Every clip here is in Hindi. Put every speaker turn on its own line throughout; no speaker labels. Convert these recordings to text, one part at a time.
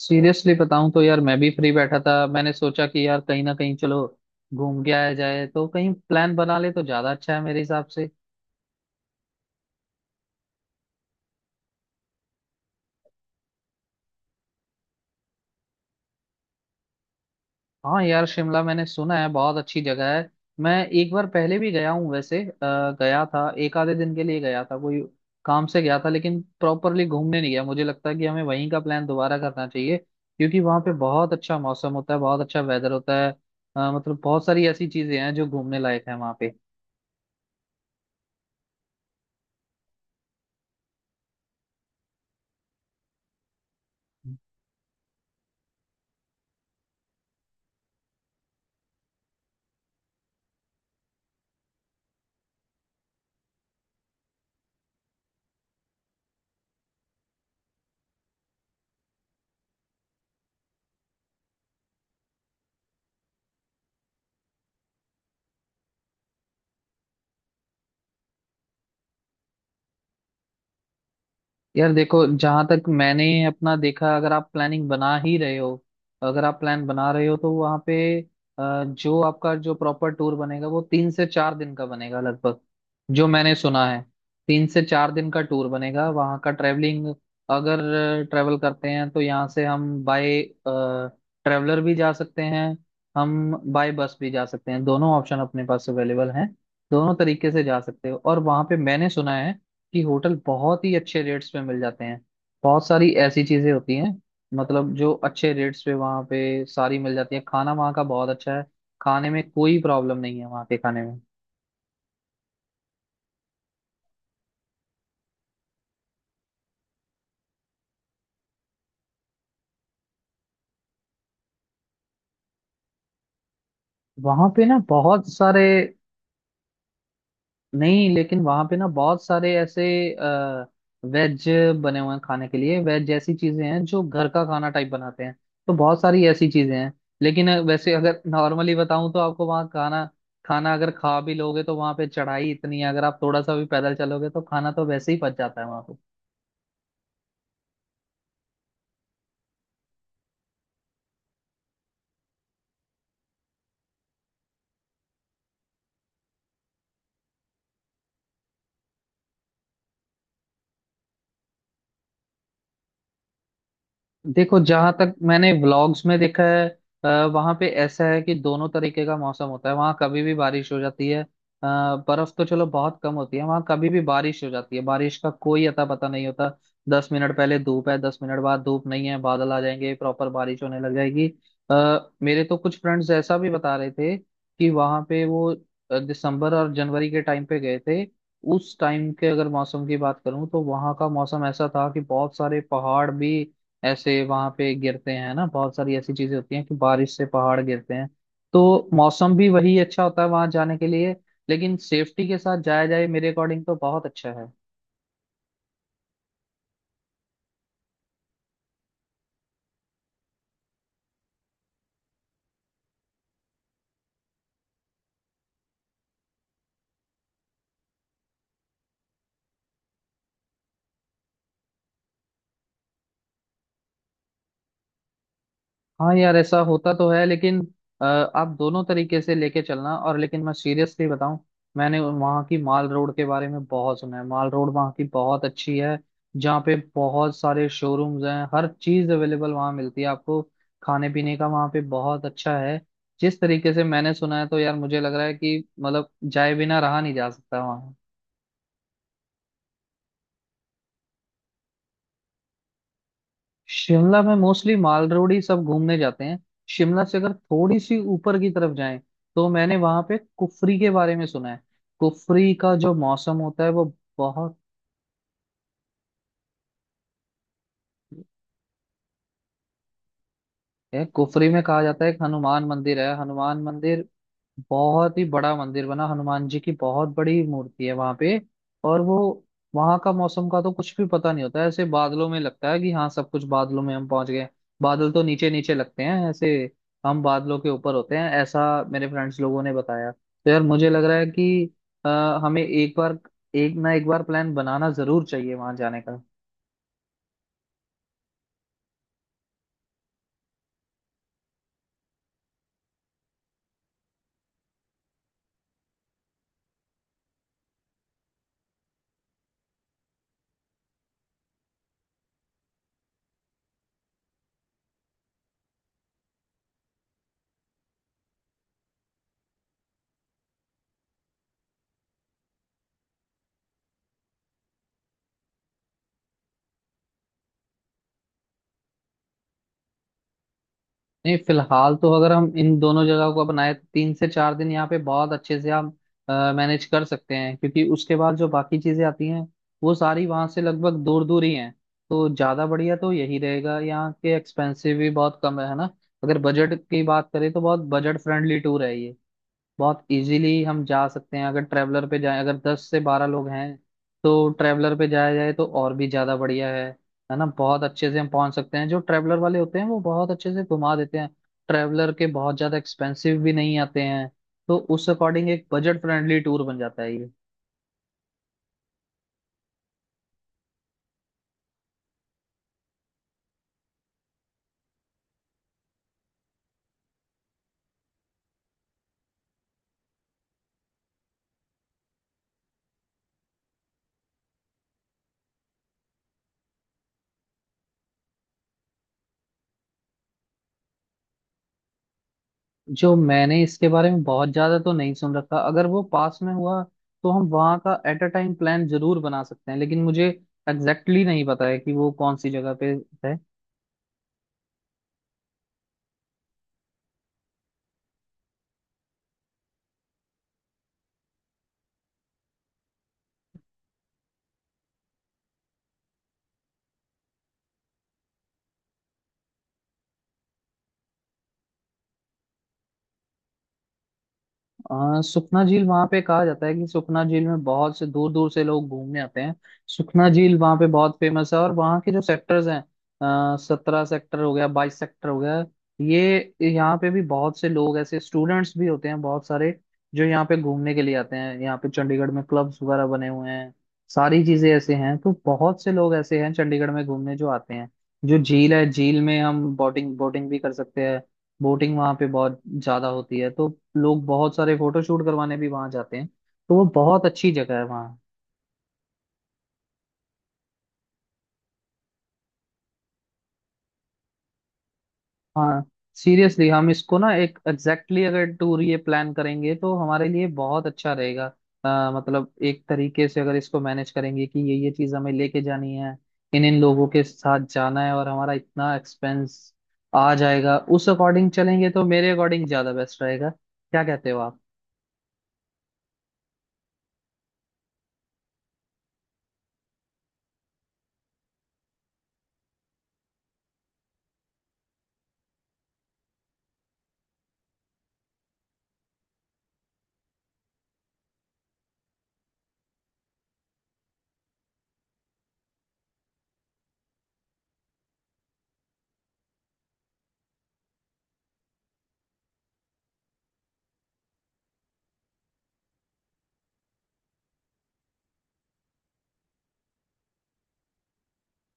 सीरियसली बताऊं तो यार मैं भी फ्री बैठा था। मैंने सोचा कि यार कहीं ना कहीं चलो घूम के आया जाए, तो कहीं प्लान बना ले तो ज्यादा अच्छा है मेरे हिसाब से। हाँ यार, शिमला मैंने सुना है बहुत अच्छी जगह है। मैं एक बार पहले भी गया हूँ वैसे। गया था, एक आधे दिन के लिए गया था, कोई काम से गया था, लेकिन प्रॉपरली घूमने नहीं गया। मुझे लगता है कि हमें वहीं का प्लान दोबारा करना चाहिए क्योंकि वहाँ पे बहुत अच्छा मौसम होता है, बहुत अच्छा वेदर होता है। मतलब बहुत सारी ऐसी चीजें हैं जो घूमने लायक है वहाँ पे। यार देखो, जहां तक मैंने अपना देखा, अगर आप प्लानिंग बना ही रहे हो, अगर आप प्लान बना रहे हो तो वहाँ पे जो आपका जो प्रॉपर टूर बनेगा वो 3 से 4 दिन का बनेगा लगभग, जो मैंने सुना है। 3 से 4 दिन का टूर बनेगा वहाँ का। ट्रैवलिंग अगर ट्रैवल करते हैं तो यहाँ से हम बाय ट्रैवलर भी जा सकते हैं, हम बाय बस भी जा सकते हैं। दोनों ऑप्शन अपने पास अवेलेबल हैं, दोनों तरीके से जा सकते हो। और वहाँ पे मैंने सुना है कि होटल बहुत ही अच्छे रेट्स पे मिल जाते हैं। बहुत सारी ऐसी चीजें होती हैं, मतलब जो अच्छे रेट्स पे वहाँ पे सारी मिल जाती है। खाना वहाँ का बहुत अच्छा है, खाने में कोई प्रॉब्लम नहीं है वहाँ के खाने में। वहाँ पे ना बहुत सारे, नहीं लेकिन वहां पे ना बहुत सारे ऐसे आ, वेज बने हुए हैं खाने के लिए। वेज जैसी चीजें हैं जो घर का खाना टाइप बनाते हैं, तो बहुत सारी ऐसी चीजें हैं। लेकिन वैसे अगर नॉर्मली बताऊं तो आपको वहाँ खाना खाना अगर खा भी लोगे तो वहां पे चढ़ाई इतनी है, अगर आप थोड़ा सा भी पैदल चलोगे तो खाना तो वैसे ही पच जाता है वहां पे। देखो, जहां तक मैंने व्लॉग्स में देखा है, वहां पे ऐसा है कि दोनों तरीके का मौसम होता है। वहां कभी भी बारिश हो जाती है। बर्फ तो चलो बहुत कम होती है, वहां कभी भी बारिश हो जाती है, बारिश का कोई अता पता नहीं होता। दस मिनट पहले धूप है, 10 मिनट बाद धूप नहीं है, बादल आ जाएंगे, प्रॉपर बारिश होने लग जाएगी। मेरे तो कुछ फ्रेंड्स ऐसा भी बता रहे थे कि वहां पे वो दिसंबर और जनवरी के टाइम पे गए थे। उस टाइम के अगर मौसम की बात करूं तो वहां का मौसम ऐसा था कि बहुत सारे पहाड़ भी ऐसे वहां पे गिरते हैं ना, बहुत सारी ऐसी चीजें होती हैं कि बारिश से पहाड़ गिरते हैं। तो मौसम भी वही अच्छा होता है वहां जाने के लिए, लेकिन सेफ्टी के साथ जाया जाए मेरे अकॉर्डिंग तो बहुत अच्छा है। हाँ यार, ऐसा होता तो है, लेकिन आप दोनों तरीके से लेके चलना। और लेकिन मैं सीरियसली बताऊं, मैंने वहाँ की माल रोड के बारे में बहुत सुना है। माल रोड वहाँ की बहुत अच्छी है, जहाँ पे बहुत सारे शोरूम्स हैं, हर चीज़ अवेलेबल वहाँ मिलती है आपको। खाने पीने का वहाँ पे बहुत अच्छा है, जिस तरीके से मैंने सुना है। तो यार मुझे लग रहा है कि मतलब जाए बिना रहा नहीं जा सकता। शिमला में मोस्टली माल रोड ही सब घूमने जाते हैं। शिमला से अगर थोड़ी सी ऊपर की तरफ जाएं तो मैंने वहां पे कुफरी के बारे में सुना है। कुफरी का जो मौसम होता है वो बहुत। यह कुफरी में कहा जाता है एक हनुमान मंदिर है। हनुमान मंदिर बहुत ही बड़ा मंदिर बना, हनुमान जी की बहुत बड़ी मूर्ति है वहां पे। और वो वहां का मौसम का तो कुछ भी पता नहीं होता है, ऐसे बादलों में लगता है कि हाँ सब कुछ बादलों में हम पहुंच गए। बादल तो नीचे नीचे लगते हैं, ऐसे हम बादलों के ऊपर होते हैं ऐसा मेरे फ्रेंड्स लोगों ने बताया। तो यार मुझे लग रहा है कि अ, हमें एक बार, एक ना एक बार प्लान बनाना जरूर चाहिए वहां जाने का। नहीं, फिलहाल तो अगर हम इन दोनों जगह को अपनाए तो तीन से चार दिन यहाँ पे बहुत अच्छे से हम मैनेज कर सकते हैं, क्योंकि उसके बाद जो बाकी चीजें आती हैं वो सारी वहां से लगभग दूर दूर ही हैं। तो ज्यादा बढ़िया तो यही रहेगा, यहाँ के एक्सपेंसिव भी बहुत कम है ना? अगर बजट की बात करें तो बहुत बजट फ्रेंडली टूर है ये। बहुत इजीली हम जा सकते हैं, अगर ट्रैवलर पे जाए, अगर 10 से 12 लोग हैं तो ट्रैवलर पे जाया जाए तो और भी ज्यादा बढ़िया है। है ना? बहुत अच्छे से हम पहुंच सकते हैं, जो ट्रैवलर वाले होते हैं वो बहुत अच्छे से घुमा देते हैं। ट्रैवलर के बहुत ज्यादा एक्सपेंसिव भी नहीं आते हैं, तो उस अकॉर्डिंग एक बजट फ्रेंडली टूर बन जाता है ये। जो मैंने इसके बारे में बहुत ज्यादा तो नहीं सुन रखा, अगर वो पास में हुआ तो हम वहाँ का एट अ टाइम प्लान जरूर बना सकते हैं, लेकिन मुझे एग्जैक्टली exactly नहीं पता है कि वो कौन सी जगह पे है। सुखना झील वहां पे कहा जाता है कि सुखना झील में बहुत से दूर दूर से लोग घूमने आते हैं। सुखना झील वहां पे बहुत फेमस है, और वहाँ के जो सेक्टर्स हैं, 17 सेक्टर हो गया, 22 सेक्टर हो गया, ये यहाँ पे भी बहुत से लोग ऐसे स्टूडेंट्स भी होते हैं बहुत सारे जो यहाँ पे घूमने के लिए आते हैं। यहाँ पे चंडीगढ़ में क्लब्स वगैरह बने हुए हैं, सारी चीजें ऐसे हैं, तो बहुत से लोग ऐसे हैं चंडीगढ़ में घूमने जो आते हैं। जो झील है, झील में हम बोटिंग बोटिंग भी कर सकते हैं, बोटिंग वहां पे बहुत ज्यादा होती है। तो लोग बहुत सारे फोटो शूट करवाने भी वहां जाते हैं, तो वो बहुत अच्छी जगह है वहाँ। हाँ, सीरियसली हम इसको ना एक एग्जैक्टली exactly अगर टूर ये प्लान करेंगे तो हमारे लिए बहुत अच्छा रहेगा। मतलब एक तरीके से अगर इसको मैनेज करेंगे कि ये चीज हमें लेके जानी है, इन इन लोगों के साथ जाना है, और हमारा इतना एक्सपेंस आ जाएगा, उस अकॉर्डिंग चलेंगे तो मेरे अकॉर्डिंग ज्यादा बेस्ट रहेगा। क्या कहते हो आप?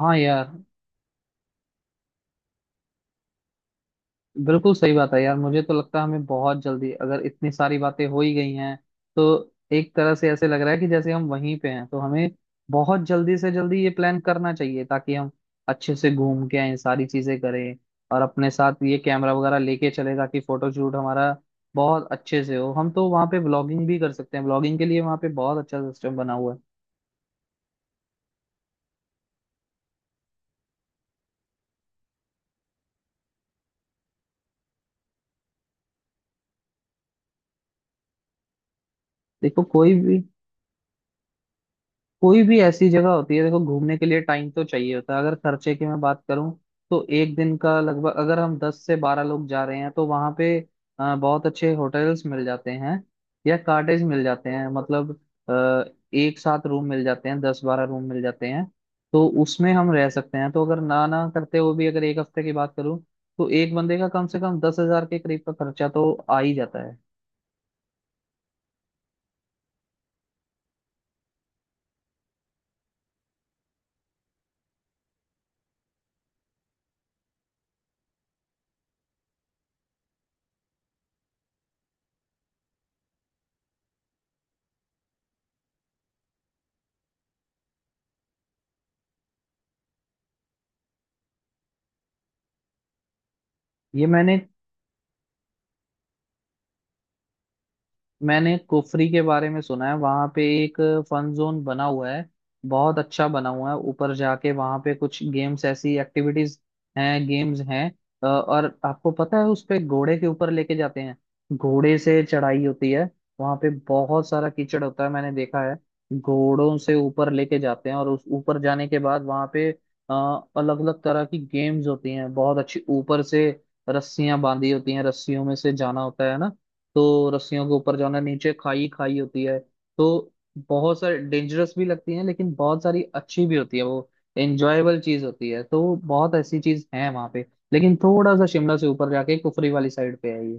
हाँ यार, बिल्कुल सही बात है यार। मुझे तो लगता है हमें बहुत जल्दी, अगर इतनी सारी बातें हो ही गई हैं तो एक तरह से ऐसे लग रहा है कि जैसे हम वहीं पे हैं। तो हमें बहुत जल्दी से जल्दी ये प्लान करना चाहिए ताकि हम अच्छे से घूम के आए, सारी चीजें करें, और अपने साथ ये कैमरा वगैरह लेके चले ताकि फोटो शूट हमारा बहुत अच्छे से हो। हम तो वहाँ पे ब्लॉगिंग भी कर सकते हैं, ब्लॉगिंग के लिए वहाँ पे बहुत अच्छा सिस्टम बना हुआ है। देखो, कोई भी ऐसी जगह होती है, देखो, घूमने के लिए टाइम तो चाहिए होता है। अगर खर्चे की मैं बात करूं तो एक दिन का लगभग, अगर हम 10 से 12 लोग जा रहे हैं तो वहां पे बहुत अच्छे होटल्स मिल जाते हैं या कॉटेज मिल जाते हैं। मतलब अ, एक साथ रूम मिल जाते हैं, 10-12 रूम मिल जाते हैं, तो उसमें हम रह सकते हैं। तो अगर ना ना करते हुए भी अगर एक हफ्ते की बात करूं तो एक बंदे का कम से कम 10,000 के करीब का खर्चा तो आ ही जाता है। ये मैंने मैंने कुफरी के बारे में सुना है वहां पे एक फन जोन बना हुआ है, बहुत अच्छा बना हुआ है। ऊपर जाके वहां पे कुछ गेम्स, ऐसी एक्टिविटीज हैं, गेम्स हैं। और आपको पता है उस पे घोड़े के ऊपर लेके जाते हैं, घोड़े से चढ़ाई होती है। वहां पे बहुत सारा कीचड़ होता है, मैंने देखा है। घोड़ों से ऊपर लेके जाते हैं, और उस ऊपर जाने के बाद वहां पे अलग अलग तरह की गेम्स होती हैं बहुत अच्छी। ऊपर से रस्सियां बांधी होती हैं, रस्सियों में से जाना होता है ना, तो रस्सियों के ऊपर जाना, नीचे खाई खाई होती है, तो बहुत सारी डेंजरस भी लगती है, लेकिन बहुत सारी अच्छी भी होती है। वो एंजॉयबल चीज होती है, तो बहुत ऐसी चीज है वहां पे, लेकिन थोड़ा सा शिमला से ऊपर जाके कुफरी वाली साइड पे है ये।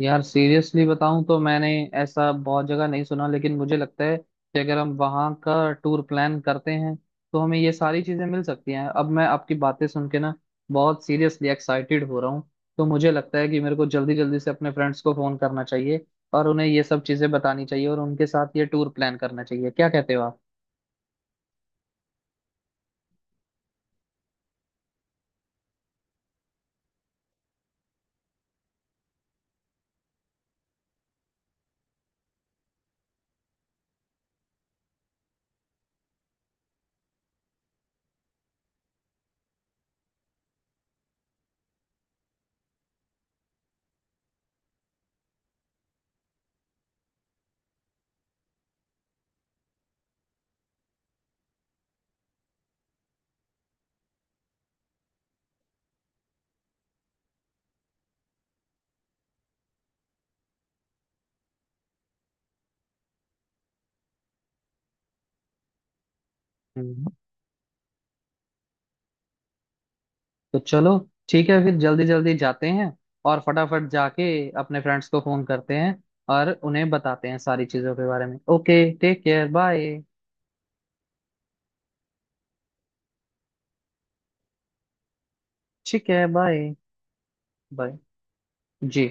यार सीरियसली बताऊं तो मैंने ऐसा बहुत जगह नहीं सुना, लेकिन मुझे लगता है कि अगर हम वहाँ का टूर प्लान करते हैं तो हमें ये सारी चीजें मिल सकती हैं। अब मैं आपकी बातें सुन के ना बहुत सीरियसली एक्साइटेड हो रहा हूँ। तो मुझे लगता है कि मेरे को जल्दी जल्दी से अपने फ्रेंड्स को फोन करना चाहिए और उन्हें ये सब चीजें बतानी चाहिए और उनके साथ ये टूर प्लान करना चाहिए। क्या कहते हो आप? हम्म। तो चलो, ठीक है, फिर जल्दी जल्दी जाते हैं और फटाफट जाके अपने फ्रेंड्स को फोन करते हैं और उन्हें बताते हैं सारी चीजों के बारे में। Okay, take care, bye. ठीक है, बाय। बाय जी।